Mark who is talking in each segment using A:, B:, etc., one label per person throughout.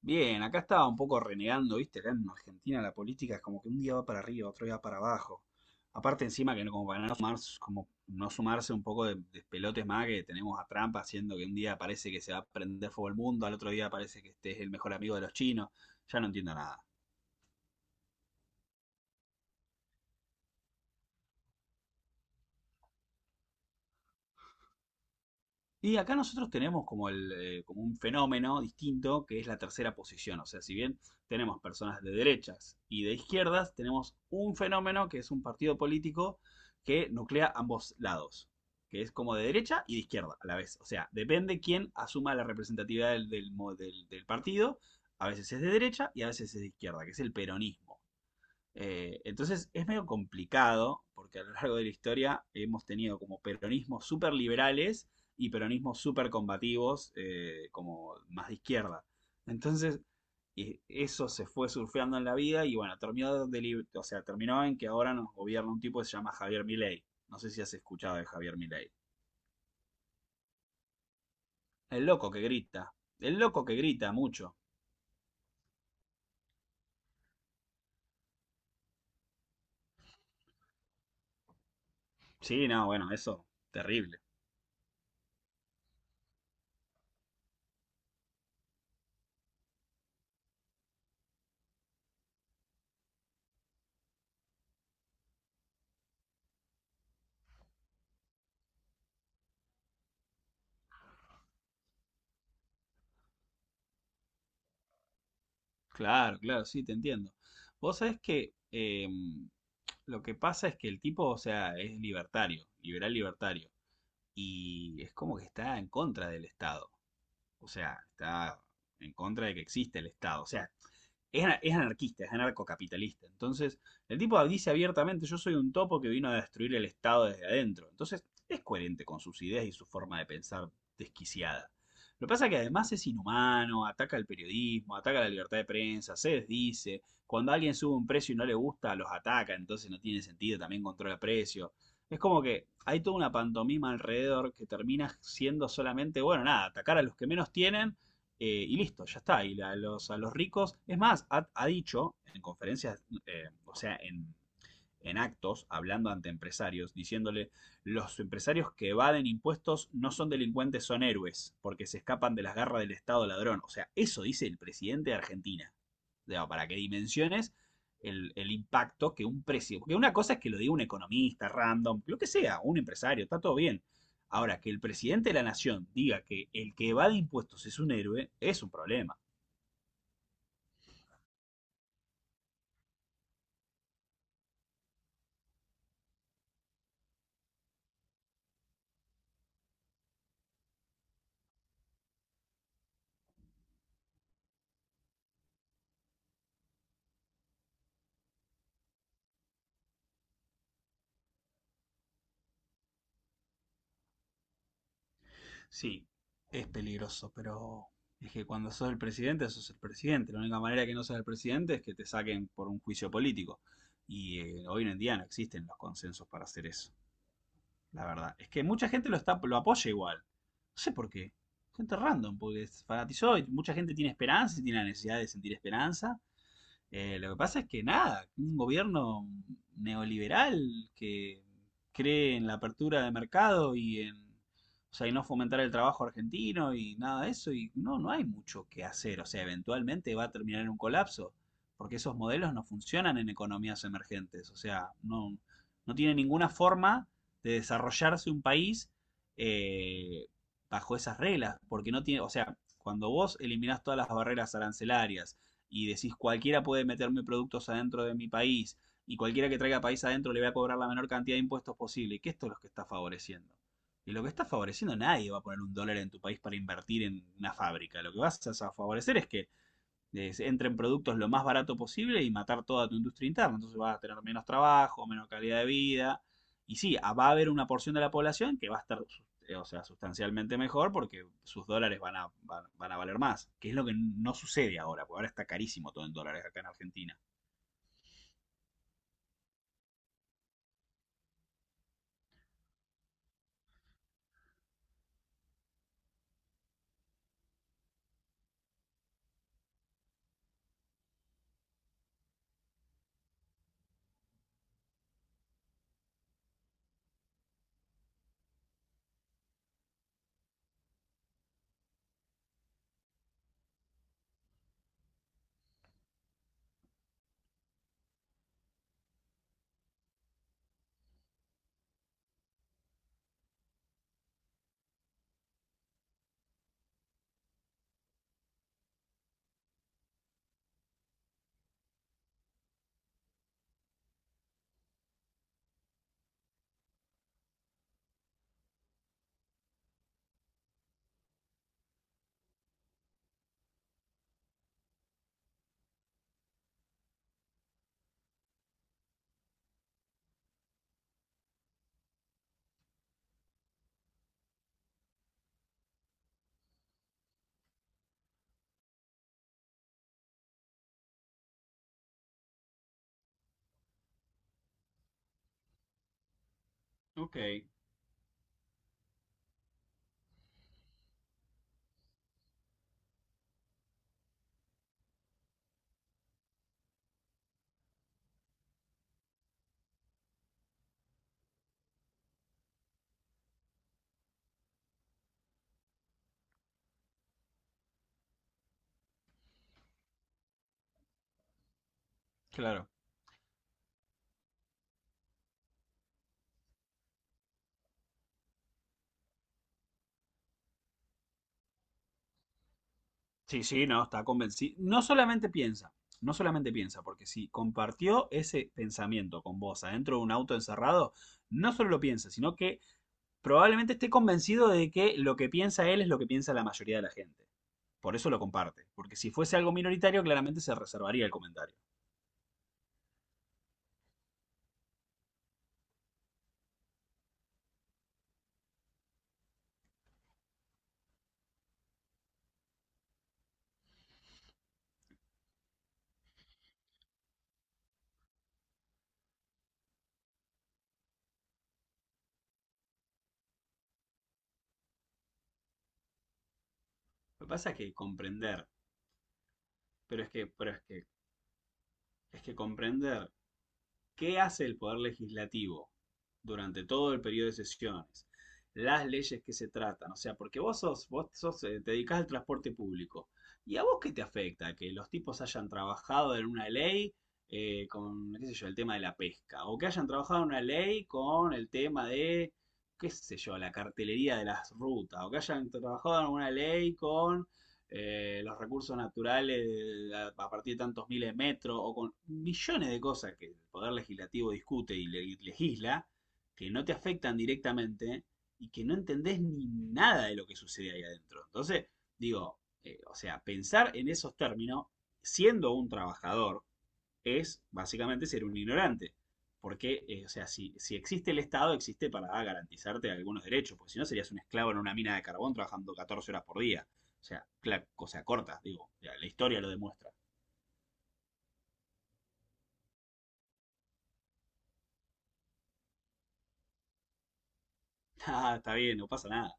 A: Bien, acá estaba un poco renegando, ¿viste? Acá en Argentina la política es como que un día va para arriba, otro día va para abajo. Aparte encima que como para no sumarse, como no sumarse un poco de pelotes más que tenemos a Trump haciendo que un día parece que se va a prender fuego el mundo, al otro día parece que este es el mejor amigo de los chinos. Ya no entiendo nada. Y acá nosotros tenemos como, como un fenómeno distinto que es la tercera posición. O sea, si bien tenemos personas de derechas y de izquierdas, tenemos un fenómeno que es un partido político que nuclea ambos lados, que es como de derecha y de izquierda a la vez. O sea, depende quién asuma la representatividad del partido. A veces es de derecha y a veces es de izquierda, que es el peronismo. Entonces es medio complicado, porque a lo largo de la historia hemos tenido como peronismos súper liberales y peronismos súper combativos, como más de izquierda. Entonces, eso se fue surfeando en la vida y bueno, terminó, o sea, terminó en que ahora nos gobierna un tipo que se llama Javier Milei. No sé si has escuchado de Javier Milei. El loco que grita. El loco que grita mucho. Sí, no, bueno, eso, terrible. Claro, claro, sí, te entiendo. Vos sabés que lo que pasa es que el tipo, o sea, es libertario, liberal libertario, y es como que está en contra del Estado, o sea, está en contra de que existe el Estado, o sea, es, es anarquista, es anarcocapitalista. Entonces, el tipo dice abiertamente, yo soy un topo que vino a destruir el Estado desde adentro. Entonces, es coherente con sus ideas y su forma de pensar desquiciada. Lo que pasa es que además es inhumano, ataca el periodismo, ataca la libertad de prensa, se desdice. Cuando alguien sube un precio y no le gusta, los ataca, entonces no tiene sentido, también controla el precio. Es como que hay toda una pantomima alrededor que termina siendo solamente, bueno, nada, atacar a los que menos tienen y listo, ya está. Y a los ricos, es más, ha dicho en conferencias, en actos, hablando ante empresarios, diciéndole, los empresarios que evaden impuestos no son delincuentes, son héroes, porque se escapan de las garras del Estado ladrón. O sea, eso dice el presidente de Argentina. O sea, para qué dimensiones el impacto que un precio. Porque una cosa es que lo diga un economista random, lo que sea, un empresario, está todo bien. Ahora, que el presidente de la nación diga que el que evade impuestos es un héroe, es un problema. Sí, es peligroso, pero es que cuando sos el presidente, sos el presidente. La única manera que no seas el presidente es que te saquen por un juicio político. Y hoy en día no existen los consensos para hacer eso, la verdad. Es que mucha gente lo apoya igual. No sé por qué. Gente random, porque se fanatizó y mucha gente tiene esperanza y tiene la necesidad de sentir esperanza. Lo que pasa es que nada, un gobierno neoliberal que cree en la apertura de mercado y en, o sea, y no fomentar el trabajo argentino y nada de eso, no hay mucho que hacer, o sea, eventualmente va a terminar en un colapso, porque esos modelos no funcionan en economías emergentes, o sea, no, no tiene ninguna forma de desarrollarse un país eh, bajo esas reglas, porque no tiene, o sea, cuando vos eliminás todas las barreras arancelarias, y decís cualquiera puede meterme productos adentro de mi país y cualquiera que traiga país adentro le voy a cobrar la menor cantidad de impuestos posible, y que esto es lo que está favoreciendo. Y lo que está favoreciendo, nadie va a poner un dólar en tu país para invertir en una fábrica. Lo que vas a favorecer es que entren productos lo más barato posible y matar toda tu industria interna. Entonces vas a tener menos trabajo, menos calidad de vida. Y sí, va a haber una porción de la población que va a estar sustancialmente mejor porque sus dólares van a valer más, que es lo que no sucede ahora, porque ahora está carísimo todo en dólares acá en Argentina. Ok, claro. Sí, sí, no, está convencido. No solamente piensa, no solamente piensa, porque si compartió ese pensamiento con vos adentro de un auto encerrado, no solo lo piensa, sino que probablemente esté convencido de que lo que piensa él es lo que piensa la mayoría de la gente. Por eso lo comparte. Porque si fuese algo minoritario, claramente se reservaría el comentario. Lo que pasa es que comprender, pero es que, pero es que, es que comprender ¿qué hace el Poder Legislativo durante todo el periodo de sesiones? Las leyes que se tratan, o sea, porque te dedicás al transporte público. ¿Y a vos qué te afecta? Que los tipos hayan trabajado en una ley con, qué sé yo, el tema de la pesca, o que hayan trabajado en una ley con el tema de, qué sé yo, la cartelería de las rutas, o que hayan trabajado en una ley con los recursos naturales a partir de tantos miles de metros, o con millones de cosas que el Poder Legislativo discute y legisla, que no te afectan directamente y que no entendés ni nada de lo que sucede ahí adentro. Entonces, digo, pensar en esos términos, siendo un trabajador, es básicamente ser un ignorante. Porque, si, si existe el Estado, existe para garantizarte algunos derechos, porque si no serías un esclavo en una mina de carbón trabajando 14 horas por día. O sea, cosa corta, digo, la historia lo demuestra. Ah, está bien, no pasa nada.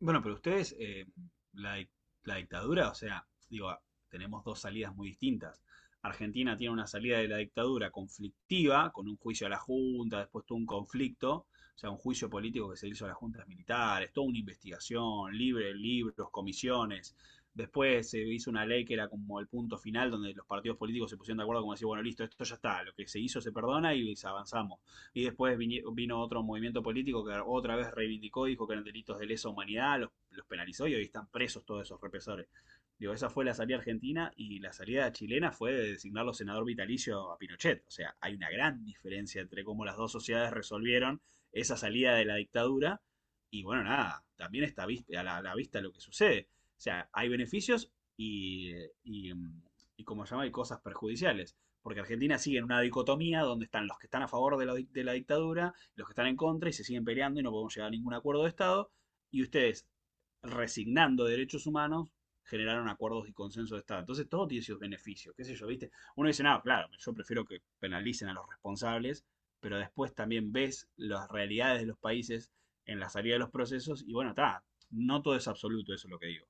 A: Bueno, pero ustedes, la, dic- la dictadura, o sea, digo, ah, tenemos dos salidas muy distintas. Argentina tiene una salida de la dictadura conflictiva, con un juicio a la Junta, después tuvo un conflicto, o sea, un juicio político que se hizo a las juntas militares, toda una investigación, libre, libros, comisiones. Después se hizo una ley que era como el punto final donde los partidos políticos se pusieron de acuerdo como decir, bueno, listo, esto ya está, lo que se hizo se perdona y avanzamos y después vino otro movimiento político que otra vez reivindicó, dijo que eran delitos de lesa humanidad, los penalizó y hoy están presos todos esos represores. Digo, esa fue la salida argentina y la salida chilena fue de designarlo senador vitalicio a Pinochet. O sea, hay una gran diferencia entre cómo las dos sociedades resolvieron esa salida de la dictadura y bueno, nada, también está a la vista lo que sucede. O sea, hay beneficios y, y, y como se llama, hay cosas perjudiciales. Porque Argentina sigue en una dicotomía donde están los que están a favor de de la dictadura, los que están en contra y se siguen peleando y no podemos llegar a ningún acuerdo de Estado. Y ustedes, resignando derechos humanos, generaron acuerdos y consenso de Estado. Entonces todo tiene sus beneficios, qué sé yo, ¿viste? Uno dice, no, claro, yo prefiero que penalicen a los responsables, pero después también ves las realidades de los países en la salida de los procesos y bueno, está, no todo es absoluto, eso es lo que digo.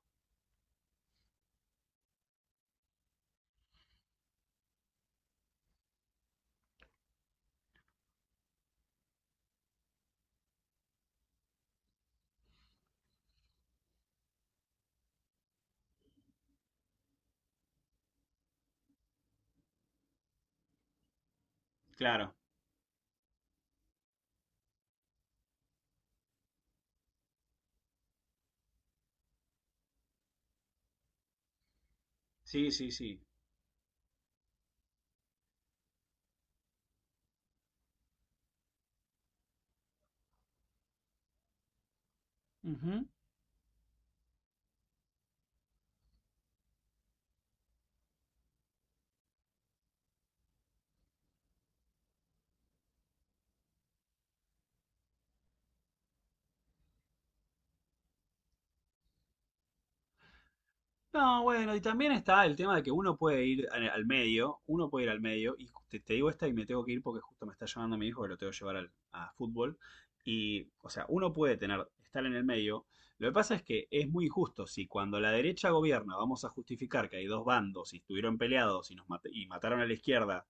A: Claro, sí, sí, sí. No, bueno, y también está el tema de que uno puede ir al medio, uno puede ir al medio, y te digo esta y me tengo que ir porque justo me está llamando mi hijo que lo tengo que llevar a fútbol, y, o sea, uno puede tener, estar en el medio, lo que pasa es que es muy injusto, si cuando la derecha gobierna vamos a justificar que hay dos bandos y estuvieron peleados y mataron a la izquierda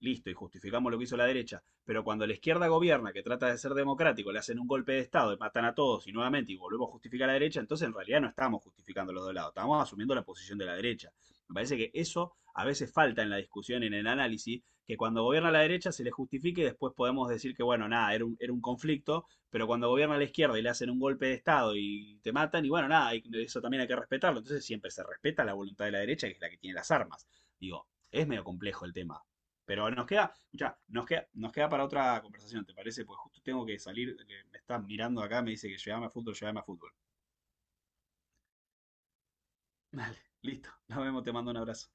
A: listo, y justificamos lo que hizo la derecha, pero cuando la izquierda gobierna, que trata de ser democrático, le hacen un golpe de Estado y matan a todos y nuevamente y volvemos a justificar a la derecha, entonces en realidad no estamos justificando los dos lados, estamos asumiendo la posición de la derecha. Me parece que eso a veces falta en la discusión, en el análisis, que cuando gobierna la derecha se le justifique y después podemos decir que, bueno, nada, era un conflicto, pero cuando gobierna la izquierda y le hacen un golpe de Estado y te matan, y bueno, nada, eso también hay que respetarlo. Entonces siempre se respeta la voluntad de la derecha, que es la que tiene las armas. Digo, es medio complejo el tema. Pero nos queda, nos queda para otra conversación, ¿te parece? Pues justo tengo que salir, me está mirando acá, me dice que llegame a fútbol, llegame a fútbol. Dale, listo, nos vemos, te mando un abrazo.